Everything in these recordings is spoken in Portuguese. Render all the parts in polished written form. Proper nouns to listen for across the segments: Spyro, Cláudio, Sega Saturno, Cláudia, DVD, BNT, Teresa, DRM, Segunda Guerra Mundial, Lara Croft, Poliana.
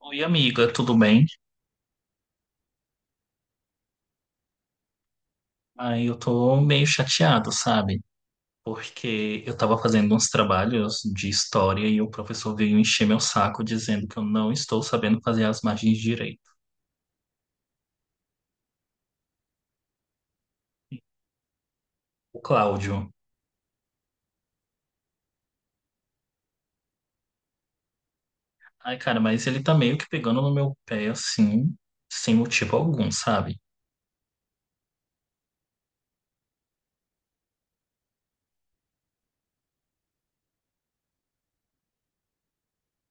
Oi, amiga, tudo bem? Aí eu tô meio chateado, sabe? Porque eu tava fazendo uns trabalhos de história e o professor veio encher meu saco dizendo que eu não estou sabendo fazer as margens direito. O Cláudio. Ai, cara, mas ele tá meio que pegando no meu pé, assim, sem motivo algum, sabe?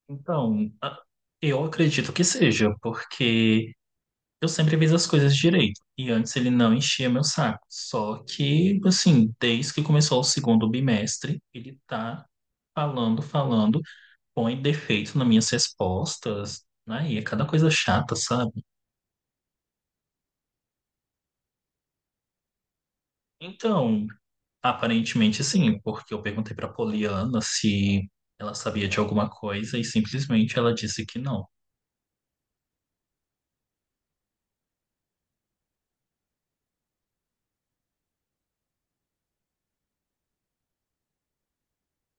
Então, eu acredito que seja, porque. Eu sempre fiz as coisas direito. E antes ele não enchia meu saco. Só que, assim, desde que começou o segundo bimestre, ele tá falando, falando, põe defeito nas minhas respostas, né? E é cada coisa chata, sabe? Então, aparentemente sim, porque eu perguntei pra Poliana se ela sabia de alguma coisa e simplesmente ela disse que não.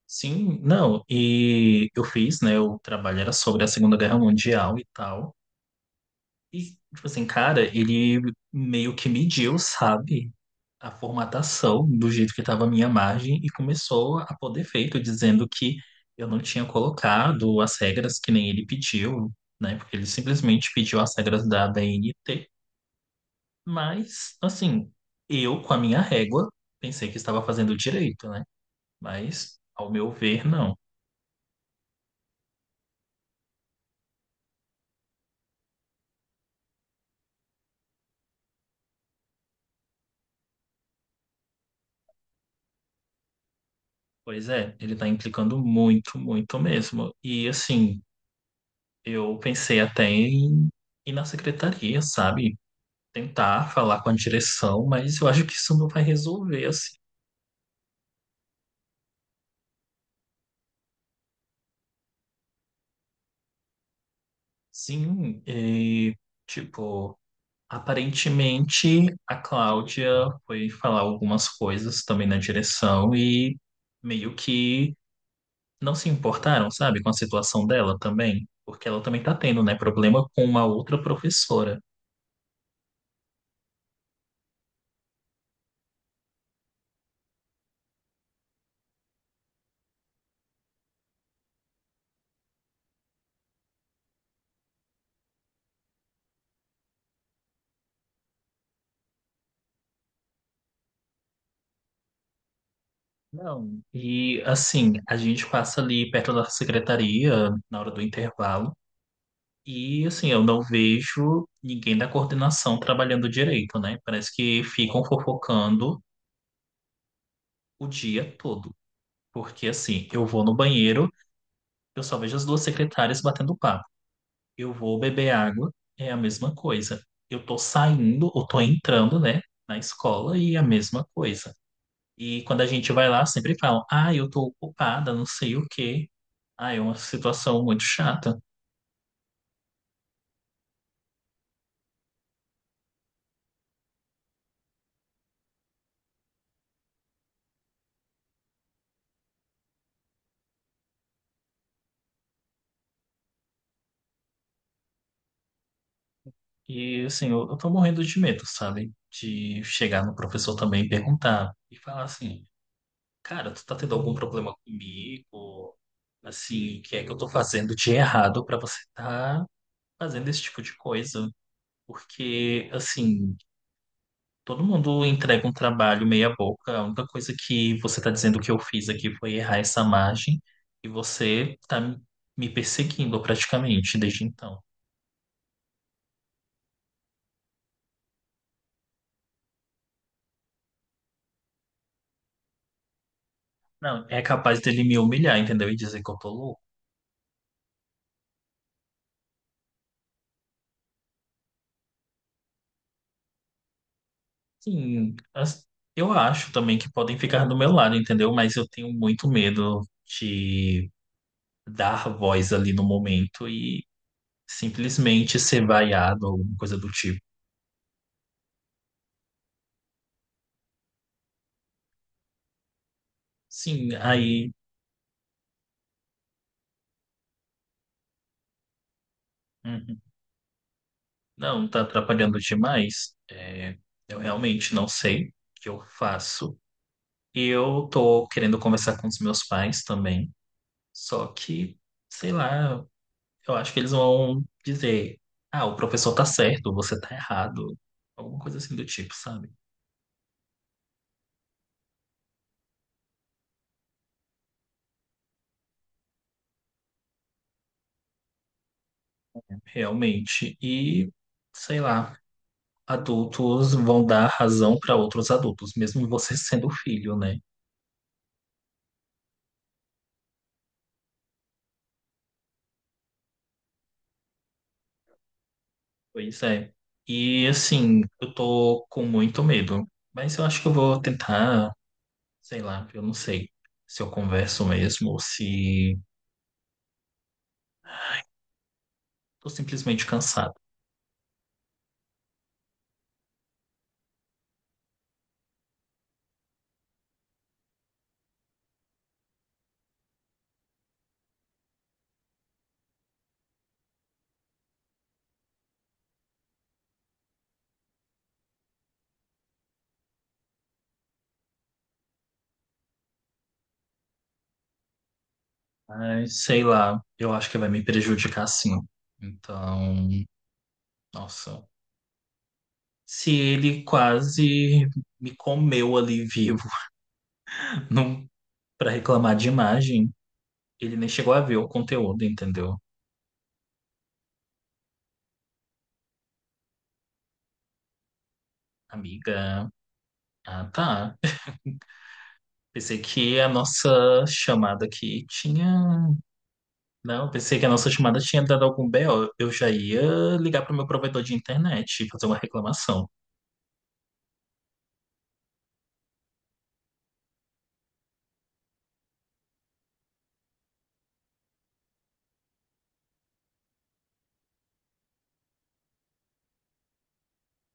Sim, não, e eu fiz, né? O trabalho era sobre a Segunda Guerra Mundial e tal. E, tipo assim, cara, ele meio que mediu, sabe, a formatação do jeito que estava a minha margem e começou a pôr defeito, dizendo que eu não tinha colocado as regras que nem ele pediu, né? Porque ele simplesmente pediu as regras da BNT, mas, assim, eu, com a minha régua, pensei que estava fazendo direito, né? Mas, ao meu ver, não. Pois é, ele tá implicando muito, muito mesmo. E, assim. Eu pensei até em ir na secretaria, sabe? Tentar falar com a direção, mas eu acho que isso não vai resolver, assim. Sim, e, tipo, aparentemente a Cláudia foi falar algumas coisas também na direção e meio que não se importaram, sabe, com a situação dela também, porque ela também tá tendo, né, problema com uma outra professora. Não. E assim, a gente passa ali perto da secretaria na hora do intervalo. E assim, eu não vejo ninguém da coordenação trabalhando direito, né? Parece que ficam fofocando o dia todo. Porque assim, eu vou no banheiro, eu só vejo as duas secretárias batendo papo. Eu vou beber água, é a mesma coisa. Eu tô saindo ou tô entrando, né, na escola e é a mesma coisa. E quando a gente vai lá, sempre falam: "Ah, eu tô ocupada, não sei o quê". Ah, é uma situação muito chata. E assim, eu tô morrendo de medo, sabe? De chegar no professor também e perguntar e falar assim, cara, tu tá tendo algum problema comigo? Assim, o que é que eu tô fazendo de errado pra você tá fazendo esse tipo de coisa? Porque, assim, todo mundo entrega um trabalho meia boca, a única coisa que você tá dizendo que eu fiz aqui foi errar essa margem e você tá me perseguindo praticamente desde então. Não, é capaz dele me humilhar, entendeu? E dizer que eu tô louco. Sim, eu acho também que podem ficar do meu lado, entendeu? Mas eu tenho muito medo de dar voz ali no momento e simplesmente ser vaiado ou alguma coisa do tipo. Sim, aí uhum, não, tá atrapalhando demais. É, eu realmente não sei o que eu faço. E eu tô querendo conversar com os meus pais também, só que, sei lá. Eu acho que eles vão dizer: ah, o professor tá certo, você tá errado. Alguma coisa assim do tipo, sabe? Realmente. E, sei lá, adultos vão dar razão para outros adultos, mesmo você sendo filho, né? Pois é. E, assim, eu tô com muito medo. Mas eu acho que eu vou tentar, sei lá, eu não sei se eu converso mesmo ou se tô simplesmente cansado. Mas, sei lá, eu acho que vai me prejudicar sim. Então, nossa. Se ele quase me comeu ali vivo, não para reclamar de imagem, ele nem chegou a ver o conteúdo, entendeu? Amiga, ah tá. Pensei que a nossa chamada aqui tinha. Não, pensei que a nossa chamada tinha dado algum BO. Eu já ia ligar pro meu provedor de internet e fazer uma reclamação.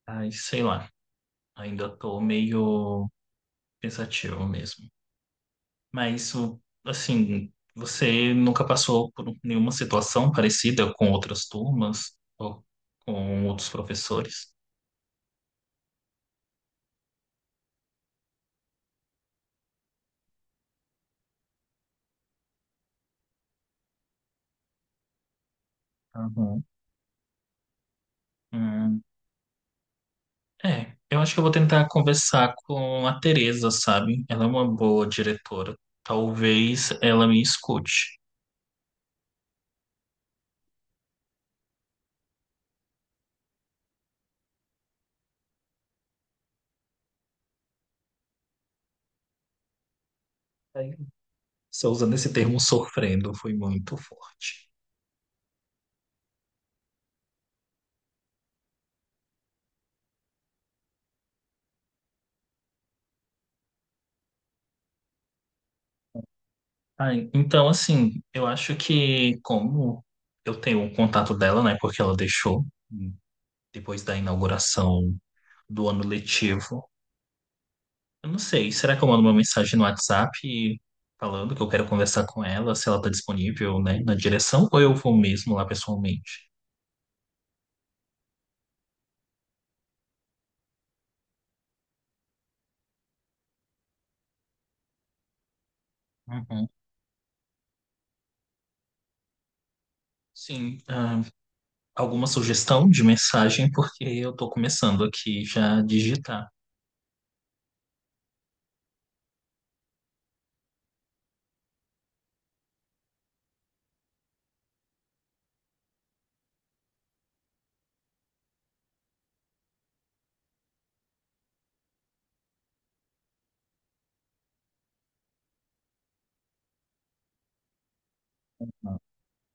Ai, sei lá. Ainda tô meio pensativo mesmo. Mas isso, assim, você nunca passou por nenhuma situação parecida com outras turmas ou com outros professores? Uhum. Hum, é, eu acho que eu vou tentar conversar com a Teresa, sabe? Ela é uma boa diretora. Talvez ela me escute. Aí, só usando esse termo sofrendo, foi muito forte. Ai, então, assim, eu acho que como eu tenho o contato dela, né? Porque ela deixou depois da inauguração do ano letivo. Eu não sei, será que eu mando uma mensagem no WhatsApp falando que eu quero conversar com ela, se ela está disponível, né, na direção, ou eu vou mesmo lá pessoalmente? Uhum. Sim, ah, alguma sugestão de mensagem, porque eu estou começando aqui já a digitar.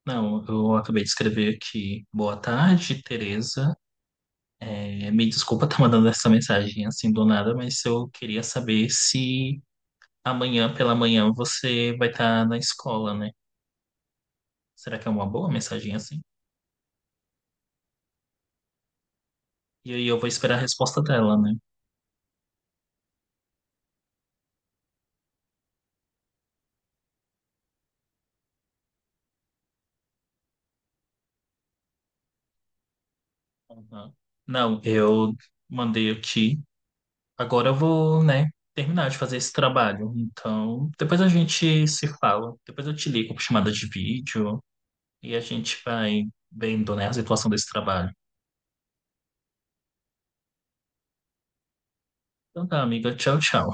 Não, eu acabei de escrever aqui. Boa tarde, Tereza. É, me desculpa estar mandando essa mensagem assim do nada, mas eu queria saber se amanhã pela manhã você vai estar na escola, né? Será que é uma boa mensagem assim? E aí eu vou esperar a resposta dela, né? Uhum. Não, eu mandei aqui. Agora eu vou, né, terminar de fazer esse trabalho. Então, depois a gente se fala. Depois eu te ligo por chamada de vídeo e a gente vai vendo, né, a situação desse trabalho. Então tá, amiga. Tchau, tchau.